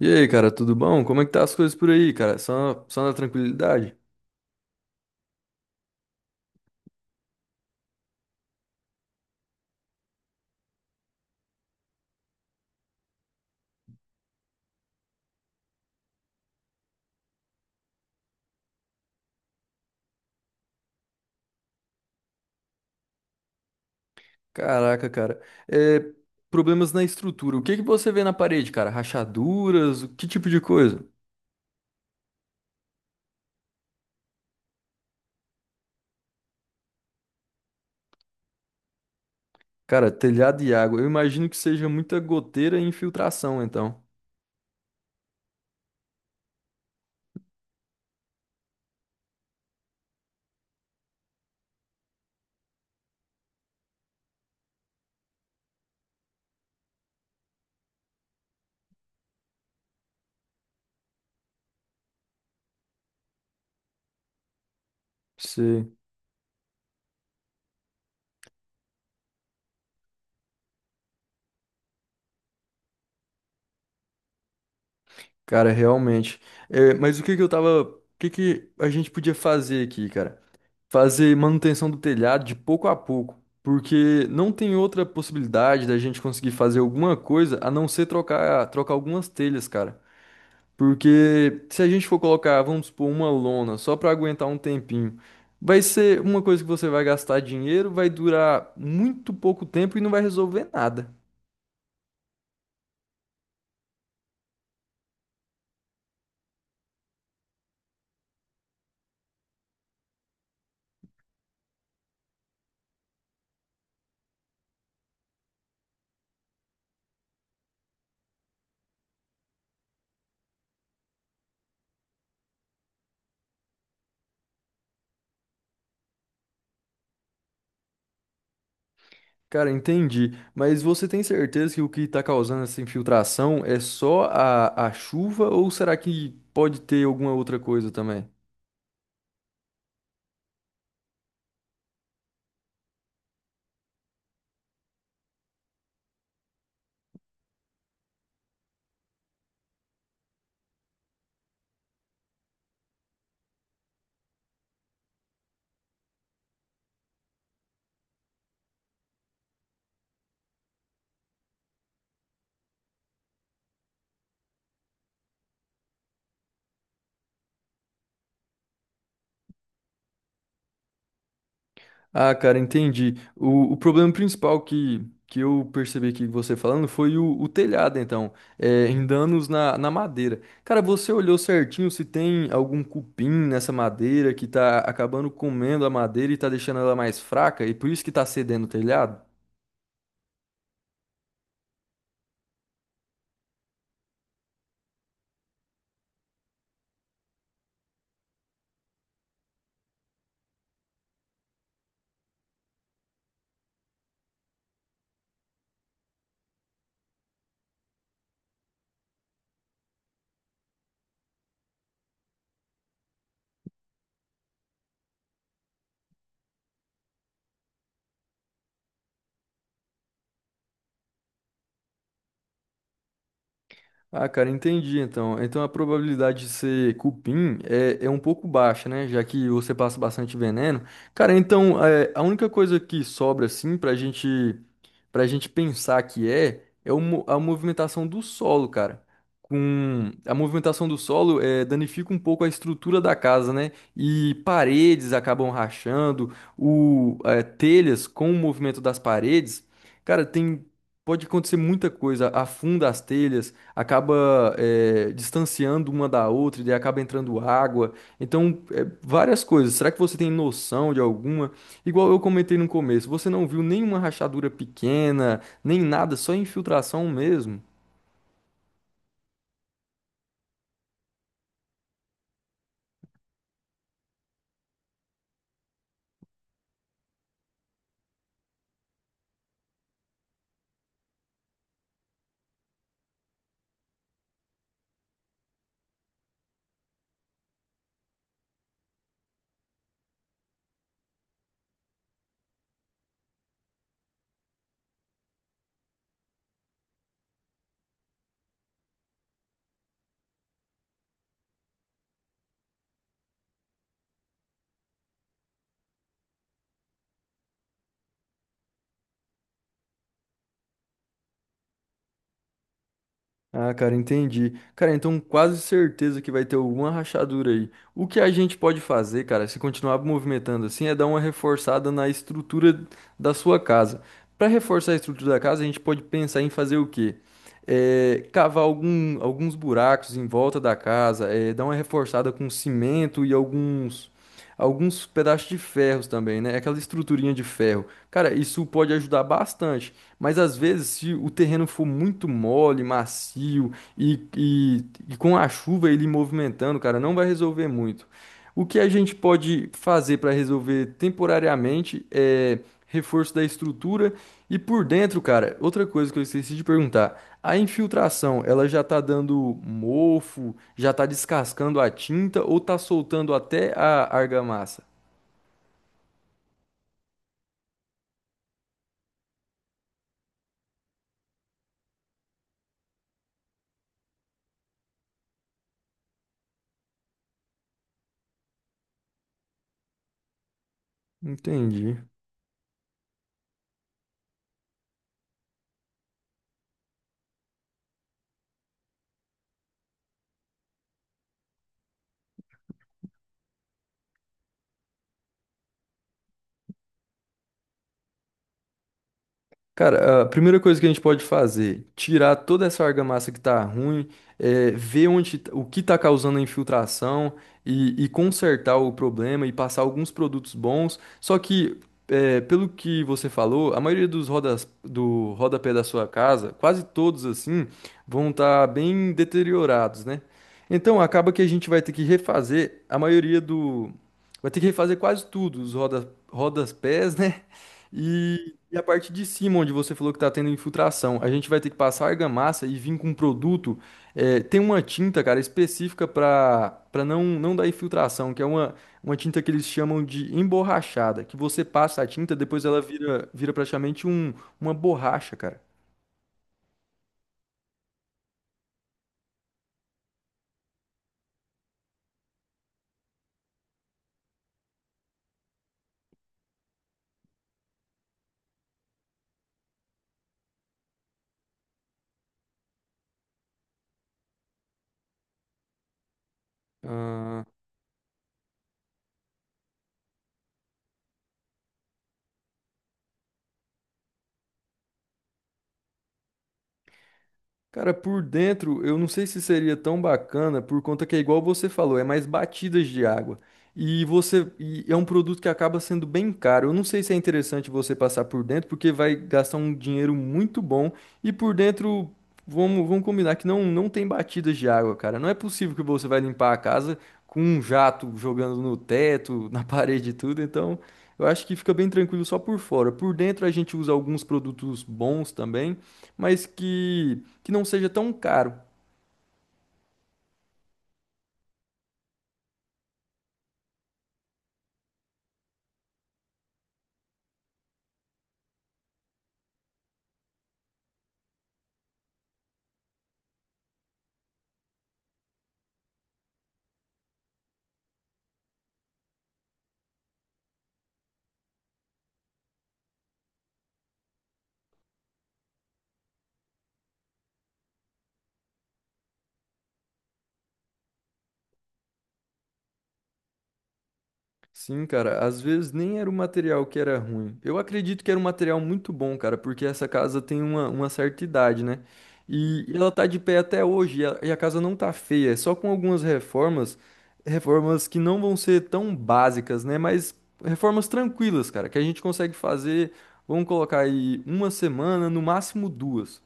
E aí, cara, tudo bom? Como é que tá as coisas por aí, cara? Só na tranquilidade? Caraca, cara. É, problemas na estrutura. O que que você vê na parede, cara? Rachaduras? O que tipo de coisa? Cara, telhado e água. Eu imagino que seja muita goteira e infiltração, então. Sim. Cara, realmente. É, mas O que que a gente podia fazer aqui, cara? Fazer manutenção do telhado de pouco a pouco, porque não tem outra possibilidade da gente conseguir fazer alguma coisa a não ser trocar algumas telhas, cara. Porque se a gente for colocar, vamos supor, uma lona só para aguentar um tempinho, vai ser uma coisa que você vai gastar dinheiro, vai durar muito pouco tempo e não vai resolver nada. Cara, entendi. Mas você tem certeza que o que está causando essa infiltração é só a chuva ou será que pode ter alguma outra coisa também? Ah, cara, entendi. O problema principal que eu percebi que você falando foi o telhado, então, é, em danos na madeira. Cara, você olhou certinho se tem algum cupim nessa madeira que tá acabando comendo a madeira e tá deixando ela mais fraca e por isso que tá cedendo o telhado? Ah, cara, entendi então. Então a probabilidade de ser cupim é um pouco baixa, né? Já que você passa bastante veneno. Cara, então é, a única coisa que sobra assim pra gente pensar que é o a movimentação do solo, cara. Com a movimentação do solo é, danifica um pouco a estrutura da casa, né? E paredes acabam rachando, o é, telhas com o movimento das paredes, cara, tem pode acontecer muita coisa. Afunda as telhas acaba é, distanciando uma da outra e daí acaba entrando água. Então, é, várias coisas. Será que você tem noção de alguma? Igual eu comentei no começo, você não viu nenhuma rachadura pequena, nem nada, só infiltração mesmo. Ah, cara, entendi. Cara, então quase certeza que vai ter alguma rachadura aí. O que a gente pode fazer, cara, se continuar movimentando assim, é dar uma reforçada na estrutura da sua casa. Para reforçar a estrutura da casa, a gente pode pensar em fazer o quê? É, cavar alguns buracos em volta da casa, é, dar uma reforçada com cimento e alguns pedaços de ferros também, né? Aquela estruturinha de ferro. Cara, isso pode ajudar bastante. Mas às vezes, se o terreno for muito mole, macio e com a chuva ele movimentando, cara, não vai resolver muito. O que a gente pode fazer para resolver temporariamente é reforço da estrutura e por dentro, cara, outra coisa que eu esqueci de perguntar, a infiltração, ela já tá dando mofo, já tá descascando a tinta ou tá soltando até a argamassa? Entendi. Cara, a primeira coisa que a gente pode fazer, tirar toda essa argamassa que tá ruim, é, ver onde, o que tá causando a infiltração e consertar o problema e passar alguns produtos bons. Só que, é, pelo que você falou, a maioria dos rodas, do rodapé da sua casa, quase todos assim, vão estar bem deteriorados, né? Então acaba que a gente vai ter que refazer a maioria do. Vai ter que refazer quase tudo, os rodas pés, né? E a parte de cima, onde você falou que está tendo infiltração, a gente vai ter que passar argamassa e vir com um produto. É, tem uma tinta, cara, específica para não, não dar infiltração, que é uma tinta que eles chamam de emborrachada, que você passa a tinta, depois ela vira praticamente um, uma borracha, cara. Cara, por dentro, eu não sei se seria tão bacana, por conta que é igual você falou, é mais batidas de água. E é um produto que acaba sendo bem caro. Eu não sei se é interessante você passar por dentro, porque vai gastar um dinheiro muito bom. E por dentro, vamos combinar que não tem batidas de água, cara. Não é possível que você vai limpar a casa com um jato jogando no teto, na parede e tudo. Então, eu acho que fica bem tranquilo só por fora. Por dentro, a gente usa alguns produtos bons também, mas que não seja tão caro. Sim, cara, às vezes nem era o material que era ruim. Eu acredito que era um material muito bom, cara, porque essa casa tem uma certa idade, né? E ela tá de pé até hoje, e a casa não tá feia, é só com algumas reformas, reformas que não vão ser tão básicas, né? Mas reformas tranquilas, cara, que a gente consegue fazer, vamos colocar aí uma semana, no máximo duas.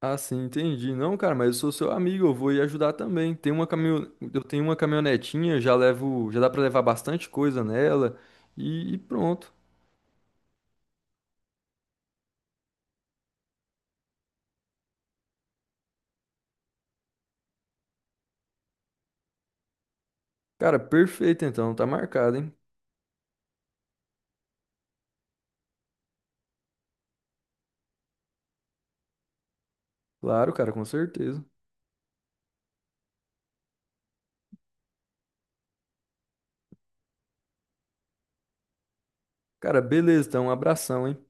Ah, sim, entendi. Não, cara, mas eu sou seu amigo, eu vou ir ajudar também. Eu tenho uma caminhonetinha, já levo, já dá pra levar bastante coisa nela e pronto. Cara, perfeito então, tá marcado, hein? Claro, cara, com certeza. Cara, beleza, então, um abração, hein?